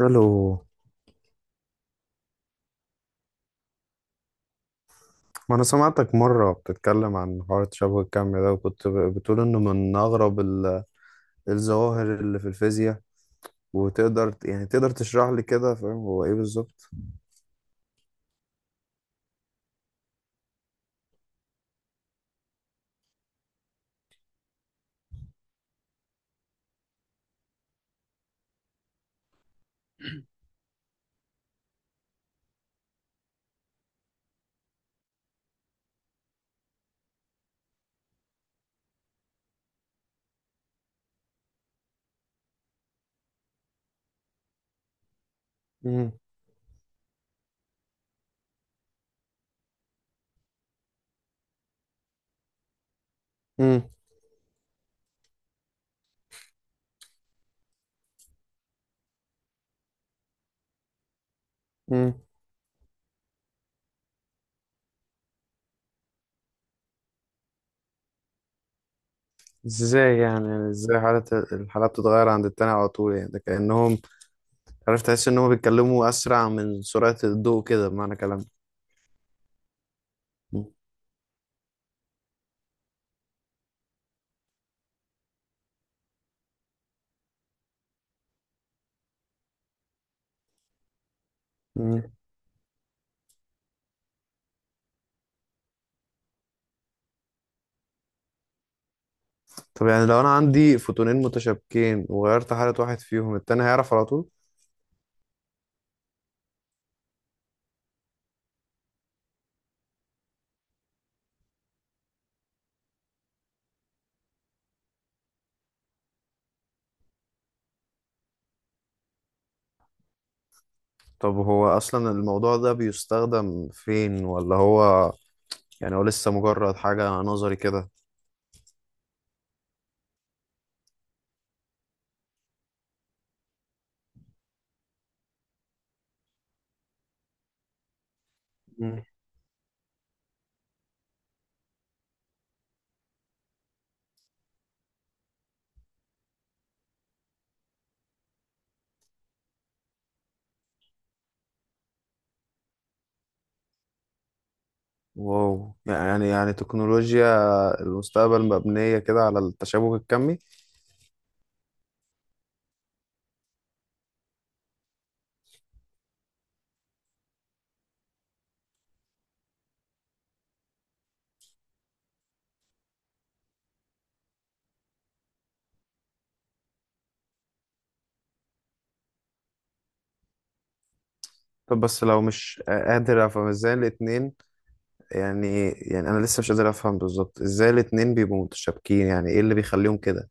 الو. ما انا سمعتك مره بتتكلم عن حوار تشابه الكم ده، وكنت بتقول انه من اغرب الظواهر اللي في الفيزياء. وتقدر يعني تقدر تشرح لي كده؟ فاهم هو ايه بالظبط؟ مم، مم، مم. ازاي يعني ازاي الحالة بتتغير عند التاني على طول؟ يعني ده كأنهم، عارف، تحس انهم بيتكلموا اسرع من سرعة الضوء كده بمعنى كلام. مم، مم. طب يعني لو انا عندي فوتونين متشابكين وغيرت حالة واحد فيهم، التاني هيعرف على طول؟ طب هو أصلا الموضوع ده بيستخدم فين، ولا هو يعني هو لسه مجرد حاجة نظري كده؟ مم. واو، يعني تكنولوجيا المستقبل مبنية كده على التشابك الكمي؟ طب بس لو مش قادر أفهم إزاي الاتنين، يعني أنا لسه مش قادر أفهم بالظبط إزاي الاتنين بيبقوا متشابكين، يعني إيه اللي بيخليهم كده؟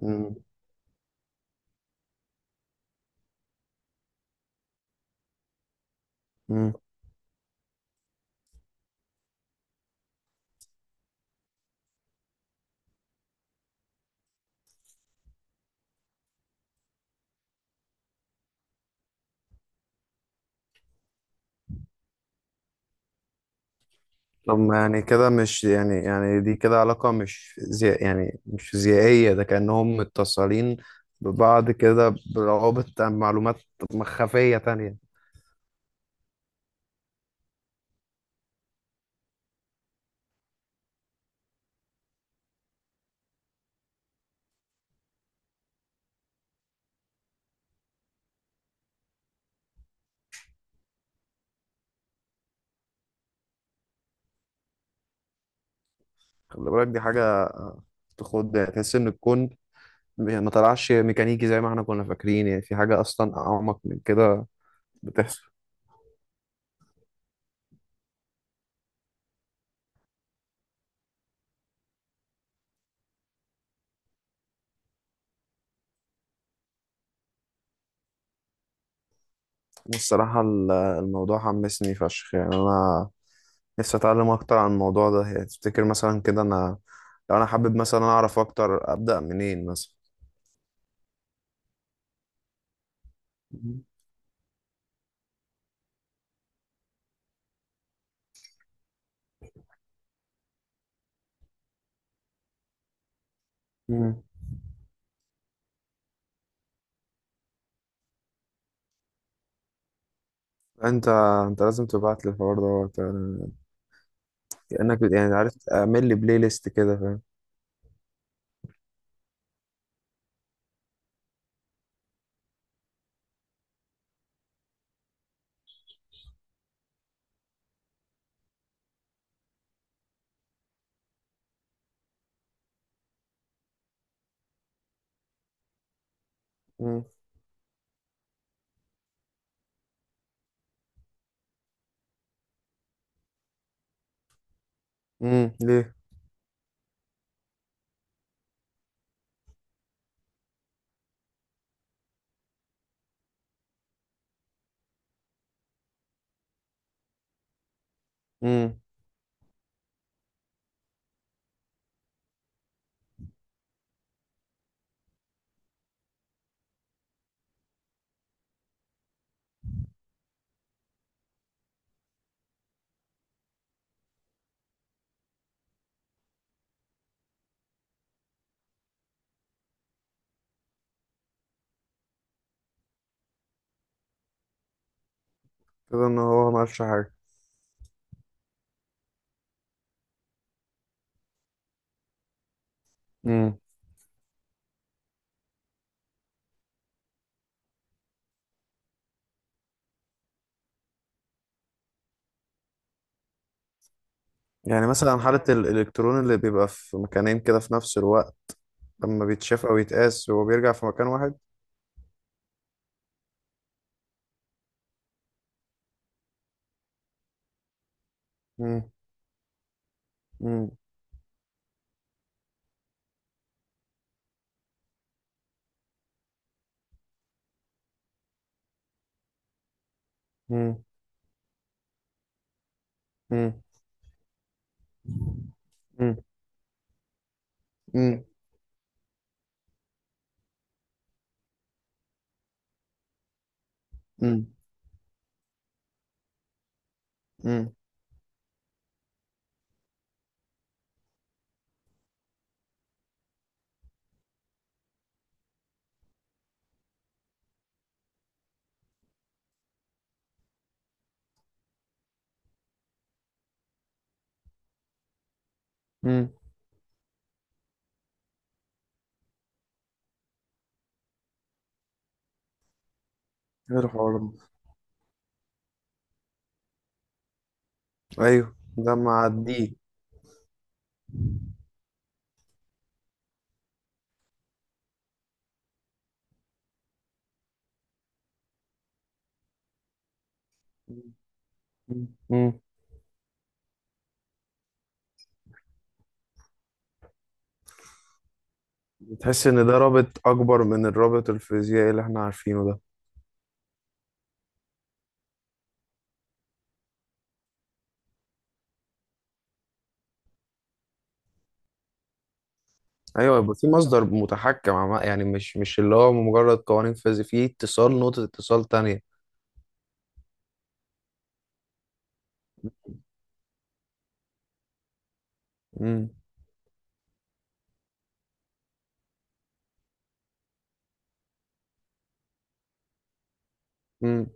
مم. مم. طب ما يعني كده مش يعني دي كده علاقة مش زي يعني مش فيزيائية، ده كأنهم متصلين ببعض كده بروابط معلومات مخفية تانية. خلي بالك دي حاجة تخد، تحس إن الكون ما طلعش ميكانيكي زي ما احنا كنا فاكرين، يعني في حاجة أصلا أعمق من كده بتحصل. والصراحة الموضوع حمسني فشخ، يعني أنا نفسي أتعلم أكتر عن الموضوع ده. يعني تفتكر مثلا كده أنا لو أنا حابب مثلا أعرف أكتر أبدأ منين مثلا؟ مم. انت انت لازم تبعت لي الحوار دوت، يعني كأنك يعني عارف، اعمل لي بلاي ليست كده فاهم؟ مم. مم. ليه؟ مم. كده ان هو ما عملش حاجه. مم. يعني مثلا حالة الإلكترون اللي بيبقى في مكانين كده في نفس الوقت لما بيتشاف أو يتقاس هو بيرجع في مكان واحد؟ مم. مم. مم. مم. مم. مم. مم. مم. مم. ايه الحوار ده؟ أيوه ده. معديه. تحس ان ده رابط اكبر من الرابط الفيزيائي اللي احنا عارفينه ده. ايوه، يبقى في مصدر متحكم يعني مش اللي هو مجرد قوانين فيزياء، في اتصال نقطة اتصال تانية. امم. امم.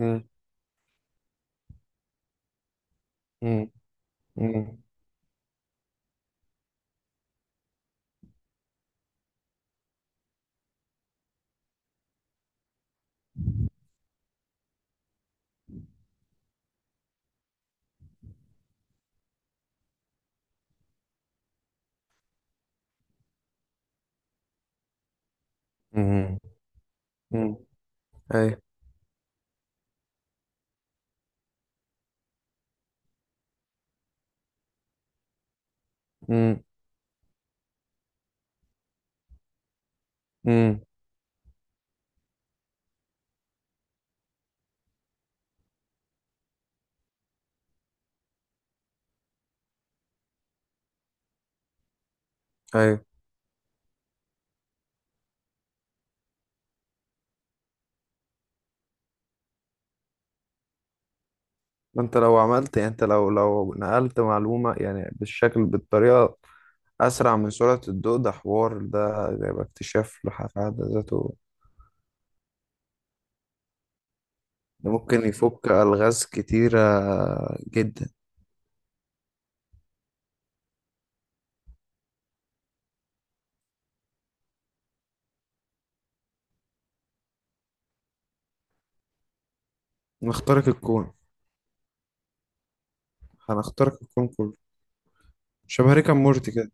امم. امم. امم. امم. امم. ايوه. امم. امم. ايوه. ما انت لو عملت، يعني انت لو نقلت معلومة يعني بالشكل بالطريقة اسرع من سرعة الضوء، ده حوار ده يبقى اكتشاف في حد ذاته. ده ممكن يفك الغاز كتيرة جدا. نخترق الكون. هنخترق الكون كله. شبه ريكا مورتي كده.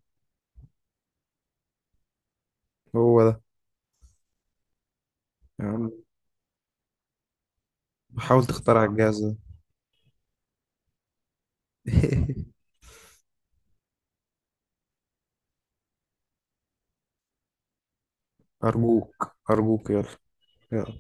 هو ده. يا عم حاول تخترع الجهاز ده. أرجوك أرجوك يلا. يلا.